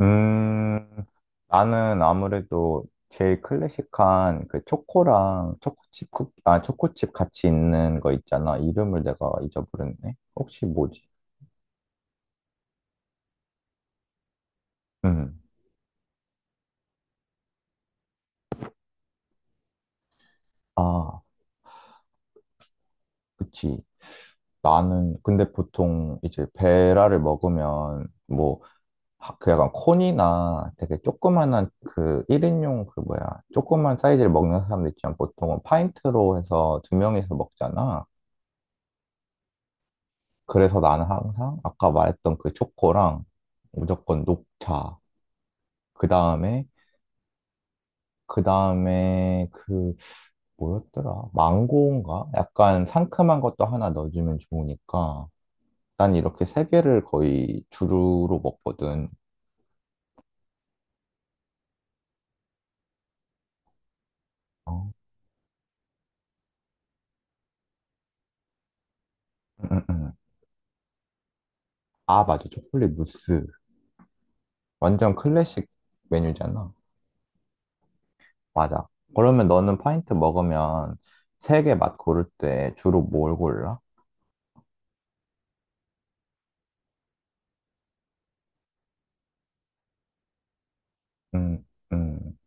음, 나는 아무래도 제일 클래식한 그 초코랑 초코칩 쿠 아, 초코칩 같이 있는 거 있잖아. 이름을 내가 잊어버렸네. 혹시 뭐지? 음. 아, 그치. 나는, 근데 보통 이제 베라를 먹으면 뭐, 그 약간 콘이나 되게 조그만한 그 1인용 그 뭐야, 조그만 사이즈를 먹는 사람들 있지만 보통은 파인트로 해서 두 명이서 먹잖아. 그래서 나는 항상 아까 말했던 그 초코랑 무조건 녹차. 그 다음에, 그 다음에 그 뭐였더라? 망고인가? 약간 상큼한 것도 하나 넣어주면 좋으니까. 난 이렇게 세 개를 거의 주루로 먹거든. 어. 음, 음, 음. 아, 맞아. 초콜릿 무스. 완전 클래식 메뉴잖아. 맞아. 그러면 너는 파인트 먹으면 세 개 맛 고를 때 주로 뭘 골라? 음, 음,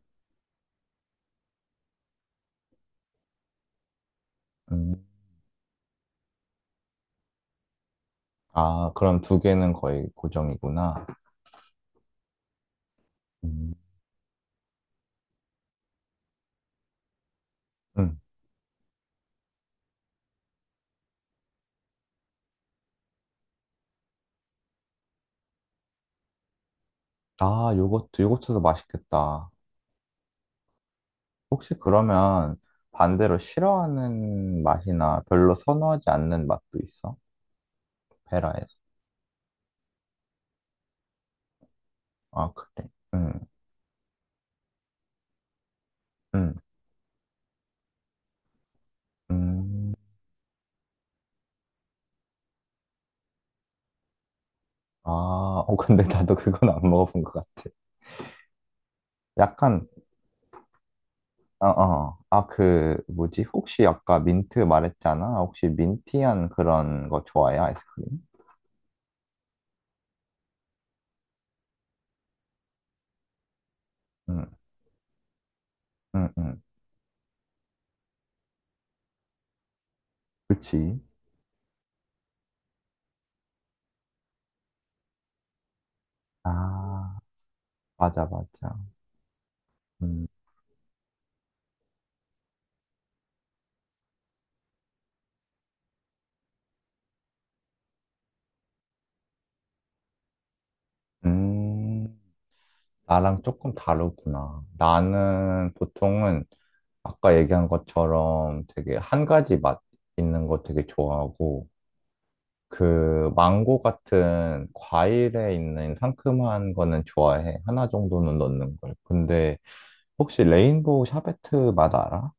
음. 아, 그럼 두 개는 거의 고정이구나. 음. 음. 아, 요거트, 요거트도 맛있겠다. 혹시 그러면 반대로 싫어하는 맛이나 별로 선호하지 않는 맛도 있어? 베라에서. 아, 그래. 음, 음, 음. 아, 어, 근데 나도 그건 안 먹어본 것 같아. 약간, 어, 어. 아, 그, 뭐지? 혹시 아까 민트 말했잖아. 혹시 민티한 그런 거 좋아해? 아이스크림? 응, 응, 응. 그치. 아, 맞아, 맞아. 음, 음, 나랑 조금 다르구나. 나는 보통은 아까 얘기한 것처럼 되게 한 가지 맛 있는 거 되게 좋아하고, 그 망고 같은 과일에 있는 상큼한 거는 좋아해. 하나 정도는 넣는 걸. 근데 혹시 레인보우 샤베트 맛 알아?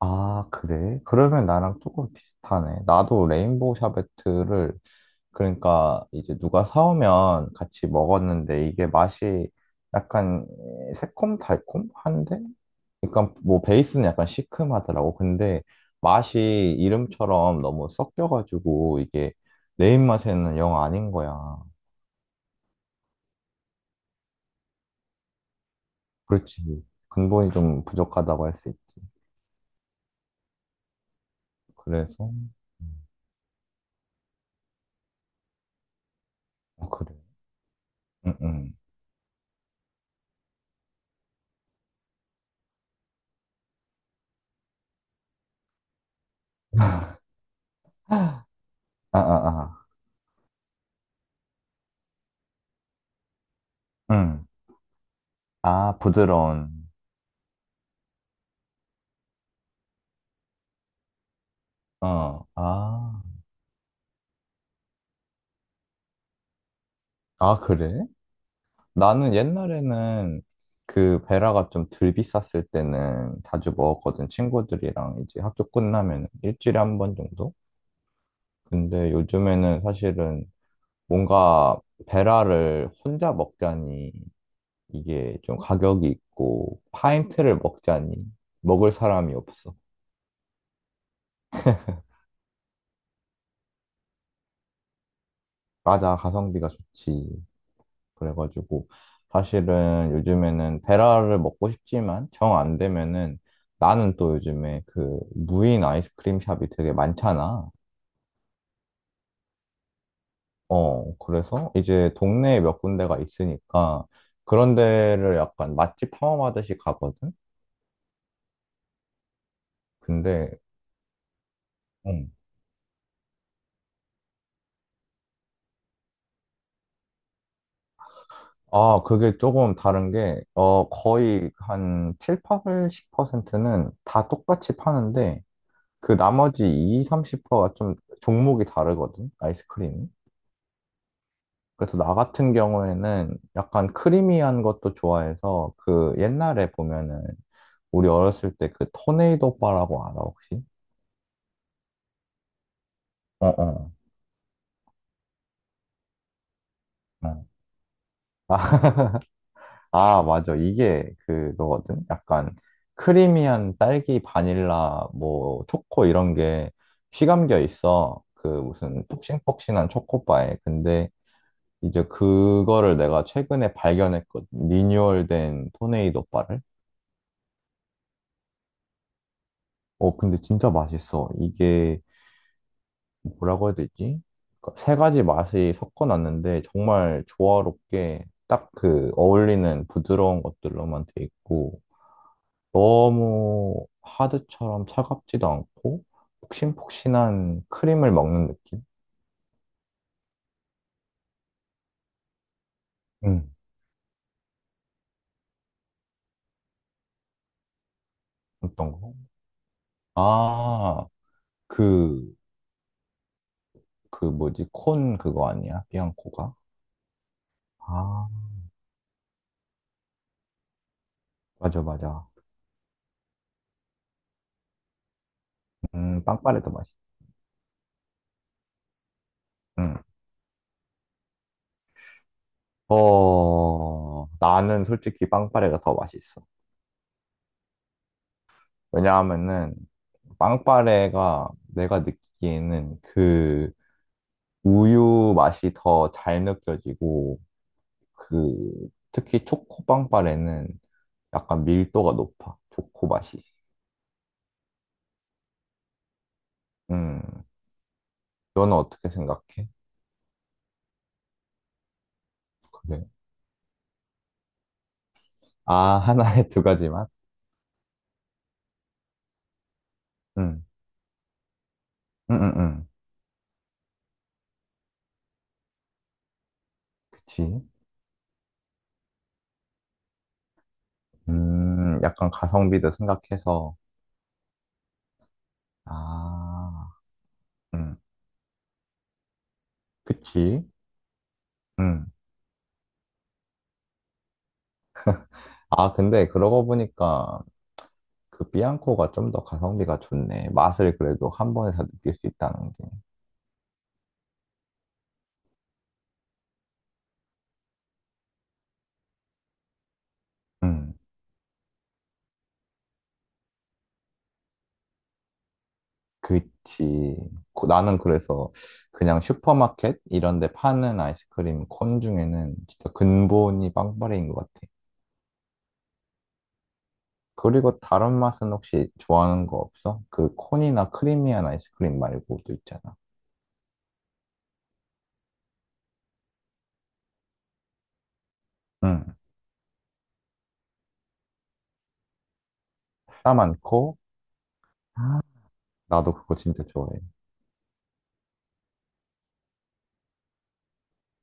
아, 그래? 그러면 나랑 조금 비슷하네. 나도 레인보우 샤베트를 그러니까 이제 누가 사오면 같이 먹었는데 이게 맛이 약간 새콤달콤한데? 그러니까 뭐 베이스는 약간 시큼하더라고. 근데 맛이 이름처럼 너무 섞여가지고 이게 내 입맛에는 영 아닌 거야. 그렇지. 근본이 좀 부족하다고 할 수 있지. 그래서 음, 어, 그래. 응, 응. 아, 아, 아. 응. 아, 부드러운. 어. 아. 아, 그래? 나는 옛날에는 그 베라가 좀 덜 비쌌을 때는 자주 먹었거든. 친구들이랑 이제 학교 끝나면 일주일에 한 번 정도? 근데 요즘에는 사실은 뭔가 베라를 혼자 먹자니 이게 좀 가격이 있고 파인트를 먹자니 먹을 사람이 없어. 맞아, 가성비가 좋지. 그래가지고 사실은 요즘에는 베라를 먹고 싶지만 정 안 되면은 나는 또 요즘에 그 무인 아이스크림 샵이 되게 많잖아. 어, 그래서 이제 동네에 몇 군데가 있으니까 그런 데를 약간 맛집 탐험하듯이 가거든? 근데, 음. 아, 그게 조금 다른 게, 어, 거의 한 7, 80%는 다 똑같이 파는데, 그 나머지 20, 30%가 좀 종목이 다르거든? 아이스크림이. 그래서 나 같은 경우에는 약간 크리미한 것도 좋아해서 그 옛날에 보면은 우리 어렸을 때 그 토네이도 바라고 알아 혹시? 어어. 어. 어. 아, 아 맞아 이게 그거거든. 약간 크리미한 딸기 바닐라 뭐 초코 이런 게 휘감겨 있어. 그 무슨 폭신폭신한 초코바에. 근데 이제 그거를 내가 최근에 발견했거든. 리뉴얼된 토네이도 바를. 어 근데 진짜 맛있어. 이게 뭐라고 해야 되지? 그러니까 세 가지 맛이 섞어놨는데 정말 조화롭게 딱 그 어울리는 부드러운 것들로만 돼 있고 너무 하드처럼 차갑지도 않고 폭신폭신한 크림을 먹는 느낌? 음, 어떤 거? 아, 그, 뭐지? 콘 그거 아니야? 비앙코가? 아, 맞아, 맞아. 빵빠레도 맛있어. 음. 어, 나는 솔직히 빵빠레가 더 맛있어. 왜냐하면은 빵빠레가 내가 느끼기에는 그 우유 맛이 더 잘 느껴지고 그 특히 초코 빵빠레는 약간 밀도가 높아. 초코 맛이. 음. 너는 어떻게 생각해? 그래. 아, 하나에 두 가지 맛? 응. 응, 응, 응. 그치. 약간 가성비도 생각해서. 아, 응, 그치. 응 아, 근데 그러고 보니까 그 비앙코가 좀 더 가성비가 좋네. 맛을 그래도 한 번에 다 느낄 수 있다는 게. 음, 그치. 나는 그래서 그냥 슈퍼마켓 이런 데 파는 아이스크림 콘 중에는 진짜 근본이 빵빠레인 것 같아. 그리고 다른 맛은 혹시 좋아하는 거 없어? 그 콘이나 크리미한 아이스크림 말고 또 있잖아. 응. 싸 많고. 아, 나도 그거 진짜 좋아해.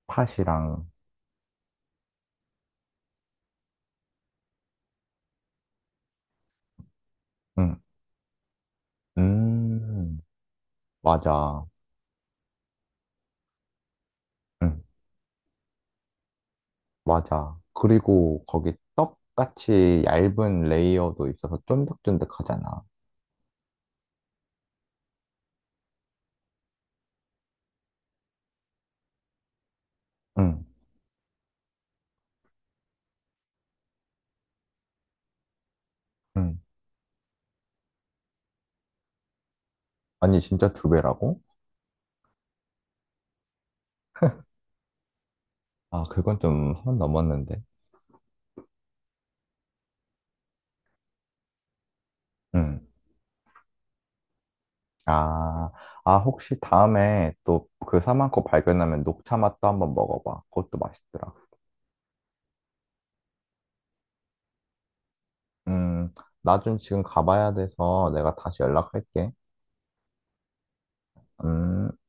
팥이랑. 응. 음, 맞아. 응. 맞아. 그리고 거기 떡같이 얇은 레이어도 있어서 쫀득쫀득하잖아. 응, 응. 아니, 진짜 두 배라고? 아, 그건 좀 선 넘었는데. 응. 아, 아, 혹시 다음에 또 그 사만코 발견하면 녹차 맛도 한번 먹어봐. 그것도 맛있더라. 음, 나 좀 지금 가봐야 돼서 내가 다시 연락할게. 음.